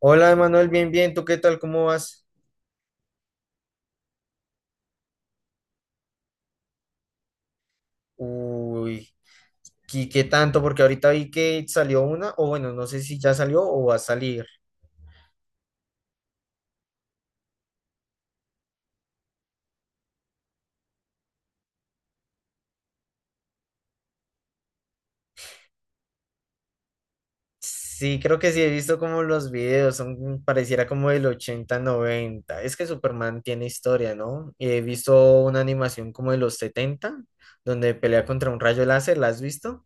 Hola, Emanuel, bien, bien, ¿tú qué tal? ¿Cómo vas? Uy, ¿y qué tanto? Porque ahorita vi que salió una, o bueno, no sé si ya salió o va a salir. Sí, creo que sí, he visto como los videos, son, pareciera como del ochenta noventa. Es que Superman tiene historia, ¿no? He visto una animación como de los 70 donde pelea contra un rayo láser, ¿la has visto?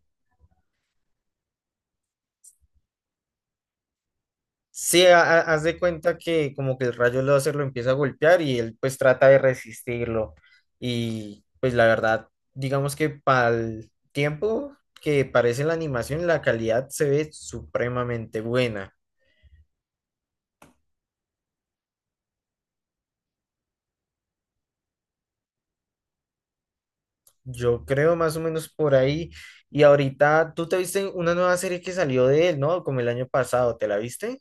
Sí, haz de cuenta que como que el rayo láser lo empieza a golpear y él pues trata de resistirlo. Y pues la verdad, digamos que para el tiempo que parece la animación, la calidad se ve supremamente buena. Yo creo más o menos por ahí. Y ahorita, tú te viste una nueva serie que salió de él, ¿no? Como el año pasado, ¿te la viste?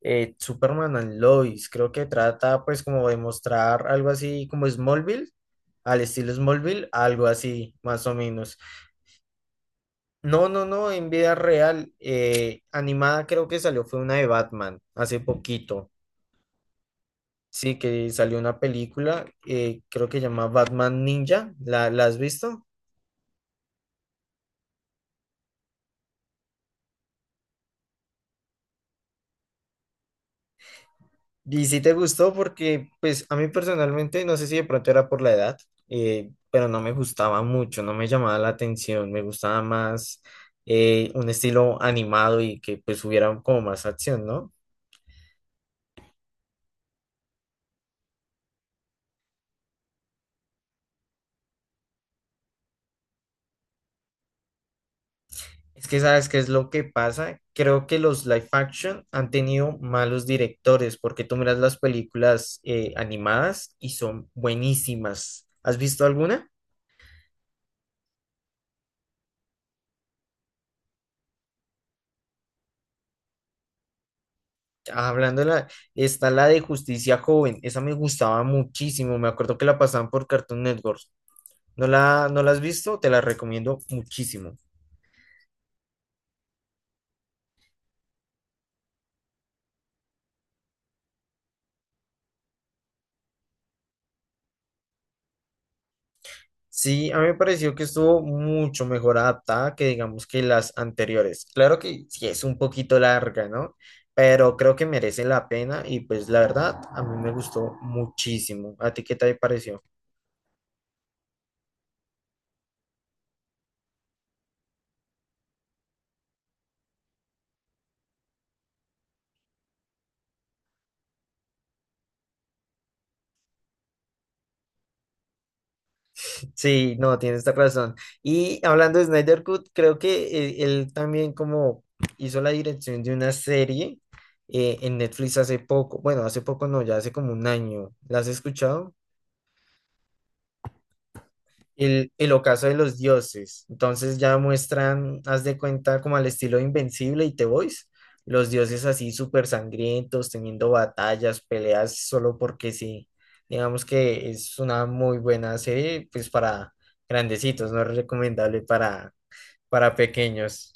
Superman and Lois, creo que trata pues como de mostrar algo así como Smallville, al estilo Smallville, algo así más o menos. No, no, no, en vida real, animada creo que salió fue una de Batman hace poquito. Sí, que salió una película, creo que se llama Batman Ninja, ¿la has visto? Y si te gustó porque, pues, a mí personalmente, no sé si de pronto era por la edad, pero no me gustaba mucho, no me llamaba la atención, me gustaba más un estilo animado y que pues hubiera como más acción, ¿no? Es que sabes qué es lo que pasa, creo que los live action han tenido malos directores porque tú miras las películas animadas y son buenísimas. ¿Has visto alguna? Hablando de la, está la de Justicia Joven, esa me gustaba muchísimo, me acuerdo que la pasaban por Cartoon Network. ¿No la has visto? Te la recomiendo muchísimo. Sí, a mí me pareció que estuvo mucho mejor adaptada que digamos que las anteriores. Claro que sí es un poquito larga, ¿no? Pero creo que merece la pena y pues la verdad a mí me gustó muchísimo. ¿A ti qué te pareció? Sí, no, tienes esta razón. Y hablando de Snyder Cut, creo que él también como hizo la dirección de una serie en Netflix hace poco. Bueno, hace poco no, ya hace como un año. ¿La has escuchado? El ocaso de los dioses. Entonces ya muestran, haz de cuenta, como al estilo Invencible y The Boys, los dioses así súper sangrientos, teniendo batallas, peleas, solo porque sí. Digamos que es una muy buena serie, pues para grandecitos, no es recomendable para pequeños.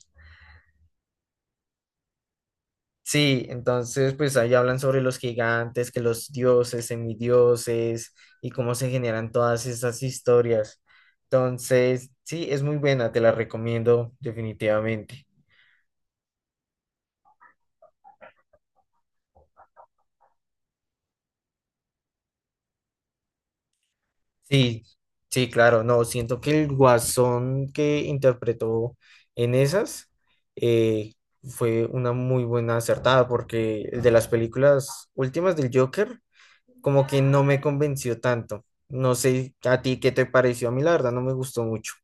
Sí, entonces pues ahí hablan sobre los gigantes, que los dioses, semidioses y cómo se generan todas esas historias. Entonces, sí, es muy buena, te la recomiendo definitivamente. Sí, sí, claro, no, siento que el guasón que interpretó en esas eh, fue una muy buena acertada porque el de las películas últimas del Joker como que no me convenció tanto. No sé a ti qué te pareció, a mí la verdad no me gustó mucho.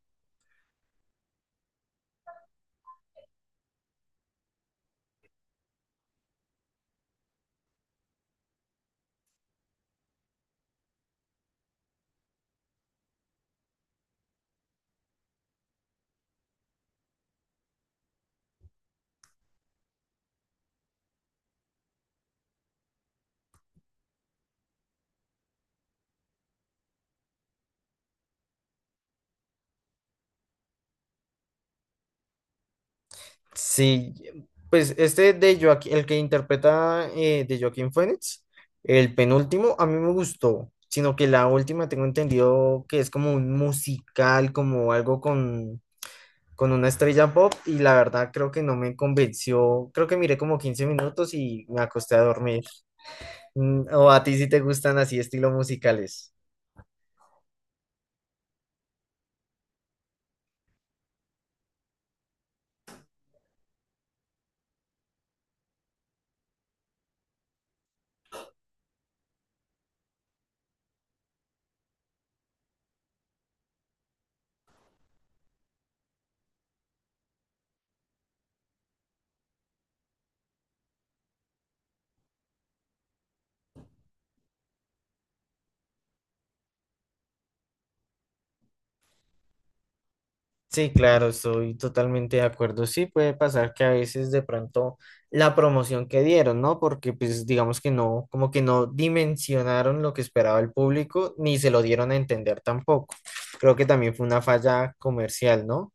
Sí, pues este de Joaquín, el que interpreta de Joaquín Phoenix, el penúltimo, a mí me gustó, sino que la última tengo entendido que es como un musical, como algo con una estrella pop, y la verdad creo que no me convenció. Creo que miré como 15 minutos y me acosté a dormir. ¿O a ti sí te gustan así estilos musicales? Sí, claro, estoy totalmente de acuerdo. Sí, puede pasar que a veces de pronto la promoción que dieron, ¿no? Porque pues digamos que no, como que no dimensionaron lo que esperaba el público, ni se lo dieron a entender tampoco. Creo que también fue una falla comercial, ¿no?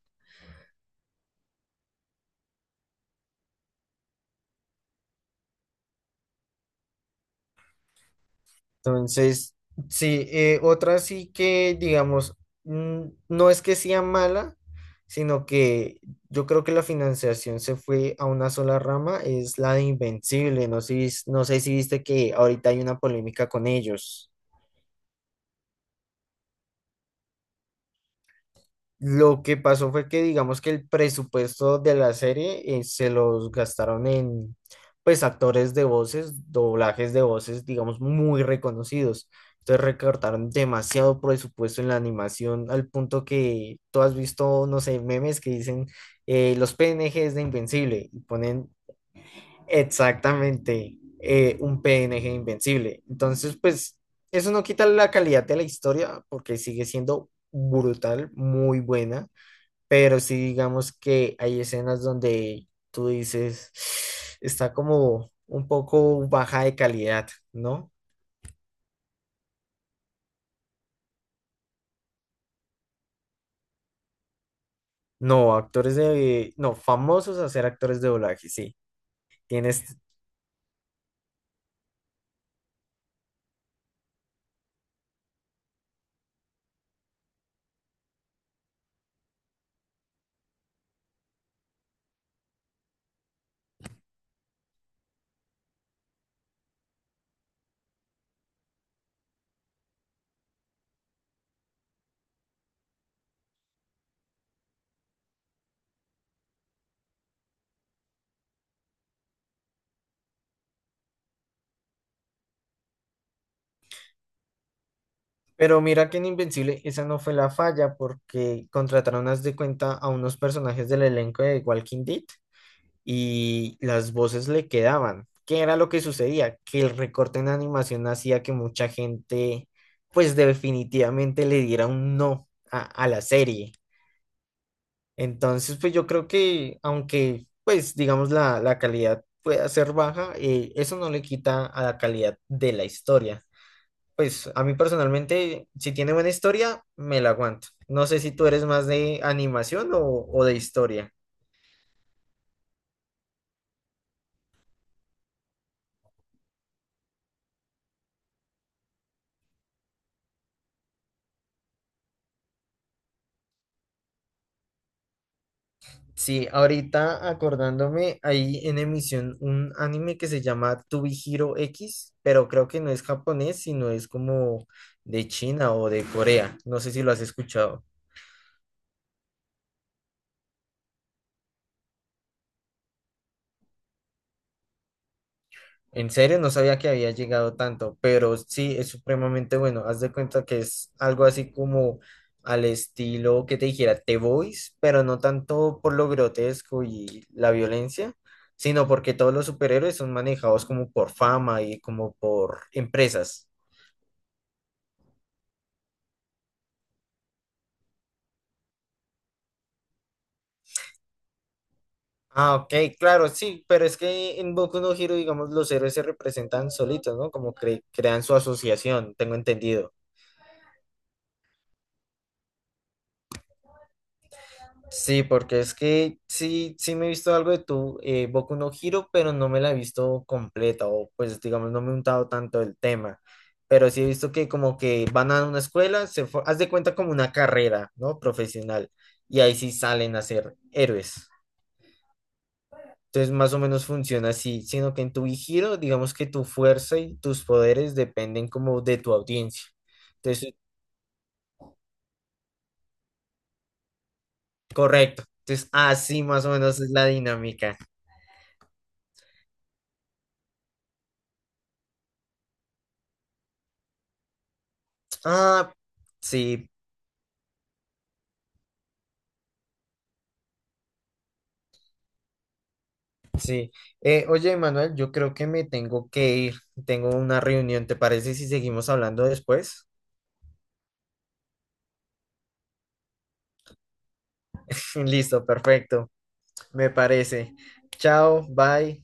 Entonces, sí, otra sí que, digamos, mm, no es que sea mala, sino que yo creo que la financiación se fue a una sola rama, es la de Invencible. No sé, no sé si viste que ahorita hay una polémica con ellos. Lo que pasó fue que digamos que el presupuesto de la serie se los gastaron en pues actores de voces, doblajes de voces, digamos, muy reconocidos. Entonces recortaron demasiado presupuesto en la animación al punto que tú has visto, no sé, memes que dicen los PNGs de Invencible y ponen exactamente un PNG de Invencible. Entonces, pues eso no quita la calidad de la historia porque sigue siendo brutal, muy buena, pero sí digamos que hay escenas donde tú dices, está como un poco baja de calidad, ¿no? No, actores de, no, famosos a ser actores de doblaje, sí, tienes, pero mira que en Invencible esa no fue la falla porque contrataron, haz de cuenta, a unos personajes del elenco de Walking Dead y las voces le quedaban. ¿Qué era lo que sucedía? Que el recorte en animación hacía que mucha gente, pues definitivamente le diera un no a, a la serie. Entonces, pues yo creo que aunque, pues digamos, la calidad pueda ser baja, eso no le quita a la calidad de la historia. Pues a mí personalmente, si tiene buena historia, me la aguanto. No sé si tú eres más de animación o de historia. Sí, ahorita acordándome, hay en emisión un anime que se llama To Be Hero X, pero creo que no es japonés, sino es como de China o de Corea. No sé si lo has escuchado. En serio, no sabía que había llegado tanto, pero sí, es supremamente bueno. Haz de cuenta que es algo así como al estilo que te dijera The Boys, pero no tanto por lo grotesco y la violencia, sino porque todos los superhéroes son manejados como por fama y como por empresas. Ah, ok, claro, sí, pero es que en Boku no Hero, digamos, los héroes se representan solitos, ¿no? Como crean su asociación, tengo entendido. Sí, porque es que sí, sí me he visto algo de tu Boku no Hero, pero no me la he visto completa, o pues digamos, no me he untado tanto el tema. Pero sí he visto que como que van a una escuela, haz de cuenta como una carrera, ¿no? Profesional, y ahí sí salen a ser héroes. Entonces, más o menos funciona así, sino que en tu giro digamos que tu fuerza y tus poderes dependen como de tu audiencia. Entonces, correcto. Entonces, así más o menos es la dinámica. Ah, sí, sí. Oye, Manuel, yo creo que me tengo que ir. Tengo una reunión, ¿te parece si seguimos hablando después? Listo, perfecto. Me parece. Chao, bye.